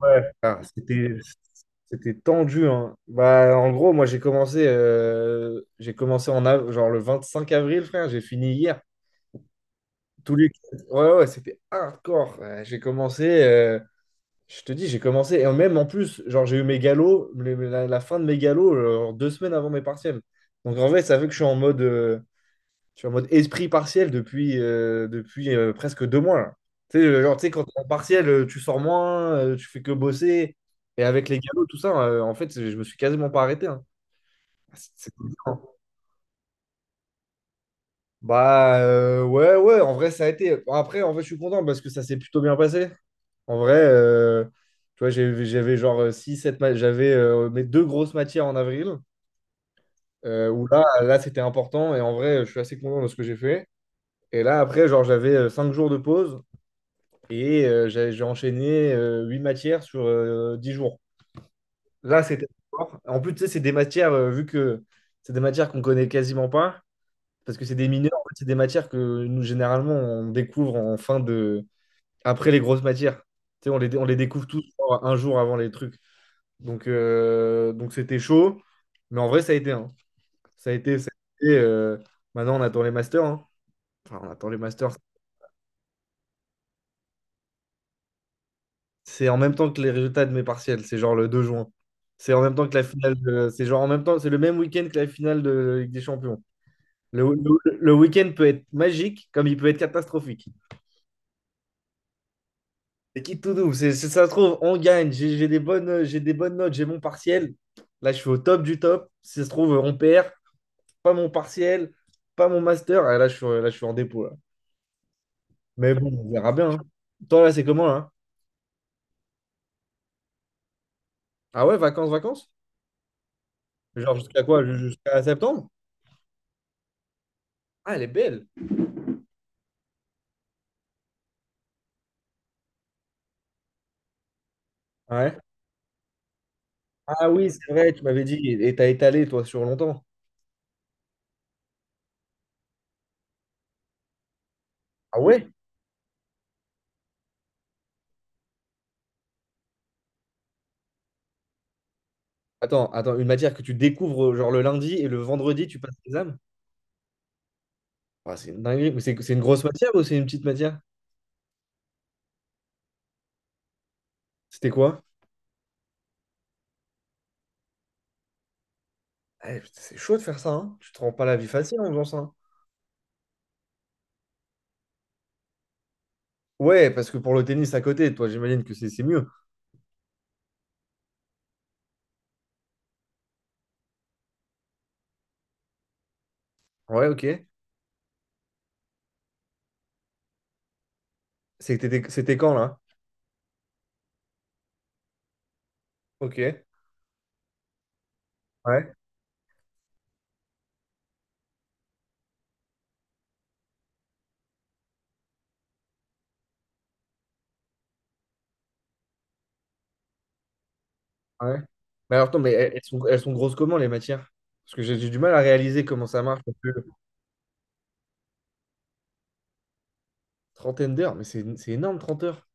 Ouais. Ah, c'était tendu, hein. Bah, en gros, moi, j'ai commencé genre le 25 avril, frère. J'ai fini hier. Tous les... Ouais, ouais, c'était hardcore. Ouais, j'ai commencé, je te dis, j'ai commencé. Et même en plus, genre, j'ai eu mes galops, la fin de mes galops, genre, 2 semaines avant mes partiels. Donc, en vrai, ça fait que je suis en mode esprit partiel depuis presque 2 mois, là. Tu sais, genre, quand t'es en partiel, tu sors moins, tu fais que bosser. Et avec les galops, tout ça, en fait, je me suis quasiment pas arrêté, hein. C'est dur. Bah ouais, ouais, en vrai, ça a été. Bon, après, en vrai, je suis content parce que ça s'est plutôt bien passé. En vrai, tu vois, j'avais genre six sept 7 j'avais mes deux grosses matières en avril, où là c'était important. Et en vrai, je suis assez content de ce que j'ai fait. Et là, après, genre, j'avais 5 jours de pause. Et j'ai enchaîné huit matières sur 10 jours. Là, c'était fort. En plus, tu sais, c'est des matières, vu que c'est des matières qu'on connaît quasiment pas, parce que c'est des mineurs, en fait, c'est des matières que nous, généralement, on découvre après les grosses matières. Tu sais, on les découvre tous genre, un jour avant les trucs. Donc c'était chaud. Mais en vrai, ça a été, hein. Ça a été. ça a été, euh, Maintenant, on attend les masters, hein. Enfin, on attend les masters. C'est en même temps que les résultats de mes partiels, c'est genre le 2 juin. C'est en même temps que c'est genre en même temps, c'est le même week-end que la finale de Ligue des Champions. Le week-end peut être magique comme il peut être catastrophique. C'est qui tout doux, ça se trouve, on gagne, j'ai des bonnes notes, j'ai mon partiel. Là, je suis au top du top. Si ça se trouve, on perd, pas mon partiel, pas mon master. Ah, là, je suis en dépôt, là. Mais bon, on verra bien, hein. Toi, là, c'est comment, là? Ah ouais, vacances, vacances? Genre jusqu'à quoi? Jusqu'à septembre? Ah, elle est belle. Ouais. Ah oui, c'est vrai, tu m'avais dit, et t'as étalé, toi, sur longtemps. Ah ouais? Attends, attends, une matière que tu découvres, genre le lundi et le vendredi, tu passes l'examen? Ah, c'est une dinguerie. Mais c'est une grosse matière ou c'est une petite matière? C'était quoi? Eh, putain, c'est chaud de faire ça, hein. Tu te rends pas la vie facile en faisant ça, hein. Ouais, parce que pour le tennis à côté, toi, j'imagine que c'est mieux. Ouais, ok. C'était quand, là? Ok. Ouais, ouais. Mais alors, attends, mais elles sont grosses comment, les matières? Parce que j'ai du mal à réaliser comment ça marche. Parce que Trentaine d'heures, mais c'est énorme, 30 heures.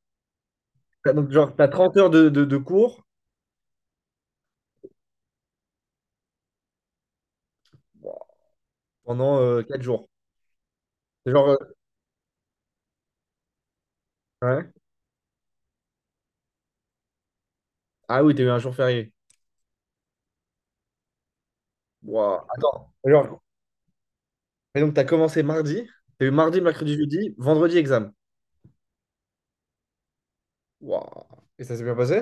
Donc, genre, t'as 30 heures de cours. Wow. Pendant 4 jours. C'est genre, ouais. Ah oui, t'as eu un jour férié. Waouh. Attends. Genre, et donc, t'as commencé mardi, t'as eu mardi, mercredi, jeudi, vendredi, examen. Waouh. Et ça s'est bien passé?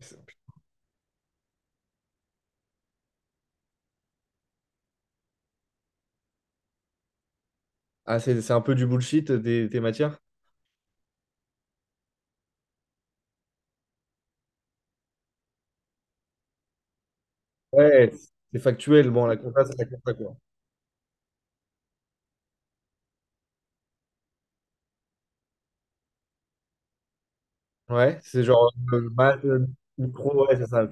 C'est- Ah, c'est un peu du bullshit, tes matières? Ouais, c'est factuel. Bon, la compta, c'est la compta, quoi. Ouais, c'est genre maths, micro, ouais, c'est ça.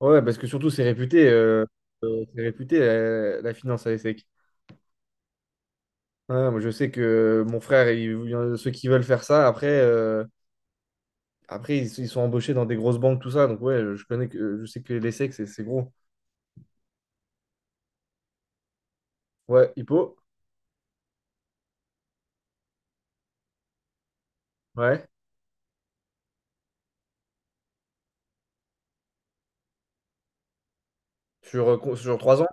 Ouais, parce que surtout, c'est réputé la finance à l'ESSEC. Ouais, moi, je sais que mon frère, il y en a ceux qui veulent faire ça, après ils sont embauchés dans des grosses banques, tout ça. Donc, ouais, je sais que les sexes, c'est gros. Ouais, Hippo? Ouais. Sur, sur 3 ans?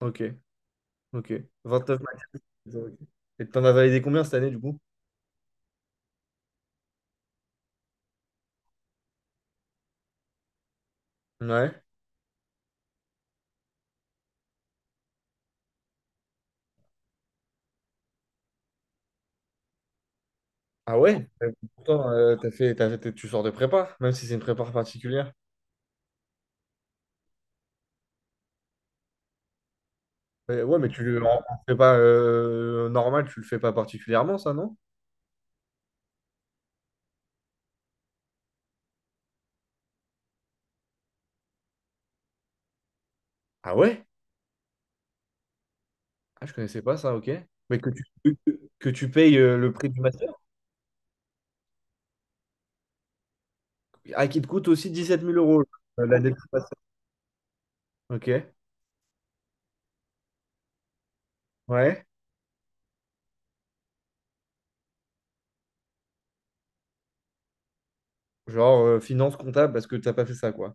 Ok, ok. 29 max. Ok. Et t'en as validé combien cette année, du coup? Ouais. Ah ouais? Pourtant, tu sors de prépa, même si c'est une prépa particulière. Ouais, mais tu le en prépa normale, tu le fais pas particulièrement, ça, non? Ah ouais? Ah, je connaissais pas ça, ok. Mais que tu payes le prix du master, ah, qui te coûte aussi 17 000 euros l'année du master. Ok, ouais. Genre finance comptable parce que t'as pas fait ça, quoi.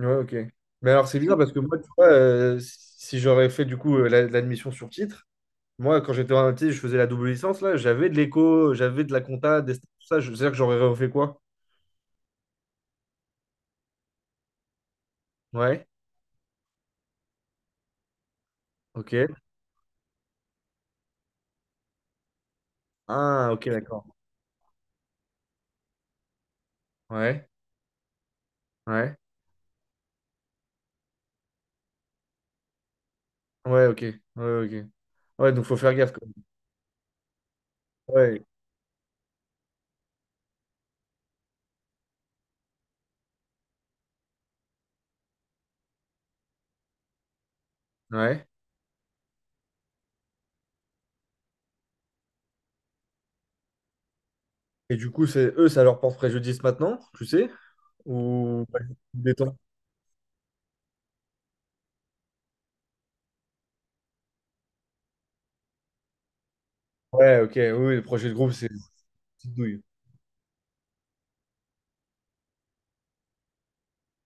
Ouais, ok. Mais alors c'est bizarre parce que moi, tu vois, si j'aurais fait du coup l'admission sur titre, moi quand j'étais en MT, je faisais la double licence, là, j'avais de l'éco, j'avais de la compta, des stats, tout ça, je veux dire que j'aurais refait quoi? Ouais, ok. Ah, ok, d'accord. Ouais, ouais, ouais, ok, ouais, ok. Ouais, donc faut faire gaffe quand même. Ouais, ouais. Et du coup, c'est eux, ça leur porte préjudice maintenant, tu sais? Ou pas des temps? Ouais, ok, oui, oui, le projet de groupe, c'est une petite douille.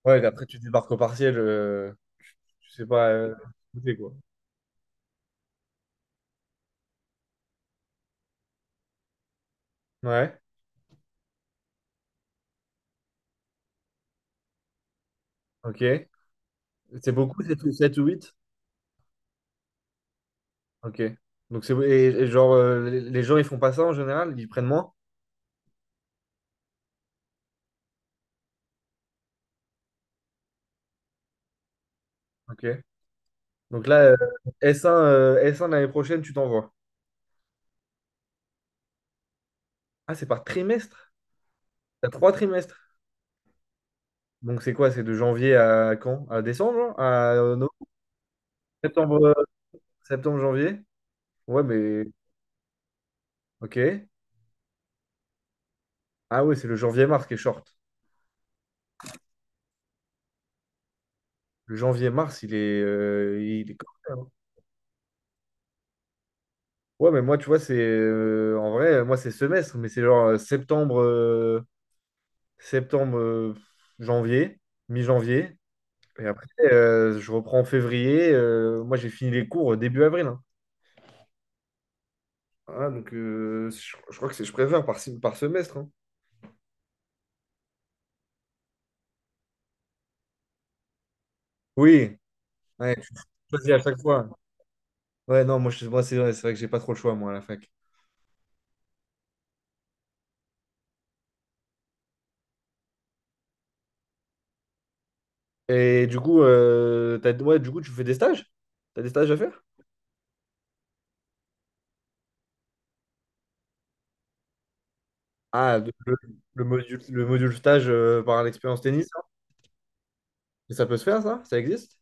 Ouais, et après, tu débarques au partiel, tu sais pas côté, quoi. Ouais, ok. C'est beaucoup, 7 ou huit. Ok. Donc, c'est et genre, les gens, ils font pas ça en général, ils prennent moins? Ok. Donc là, S1 l'année prochaine, tu t'envoies. Ah, c'est par trimestre? T'as trois trimestres. Donc, c'est quoi? C'est de janvier à quand? À décembre, hein? À novembre? Septembre, Septembre, janvier? Ouais, mais ok. Ah ouais, c'est le janvier-mars qui est short. Le janvier-mars, il est corsé, hein. Ouais, mais moi, tu vois, c'est en vrai, moi, c'est semestre, mais c'est genre septembre, janvier, mi-janvier. Et après, je reprends en février. Moi, j'ai fini les cours début avril, hein. Ah, donc, je crois que je préfère par semestre, hein. Oui, ouais, tu choisis à chaque fois. Ouais, non, moi, moi c'est vrai que j'ai pas trop le choix, moi, à la fac. Et du coup, ouais, du coup, tu fais des stages? T'as des stages à faire? Ah, le module stage, par l'expérience tennis, hein. Et ça peut se faire, ça? Ça existe?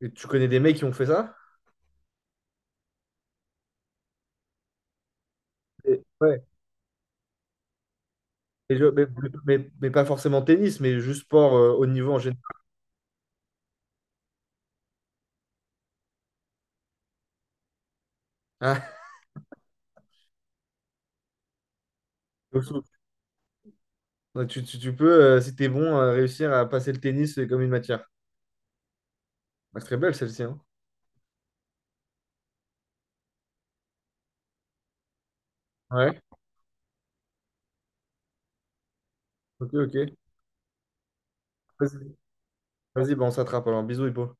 Et tu connais des mecs qui ont fait ça? Ouais. Et je- mais, mais pas forcément tennis, mais juste sport haut niveau en général. Ah, au foot. Ouais, tu peux, si t'es bon, réussir à passer le tennis comme une matière. Ah, c'est très belle celle-ci, hein. Ouais. Ok, ok. Vas-y, vas-y, bah, on s'attrape alors. Bisous, Hippo.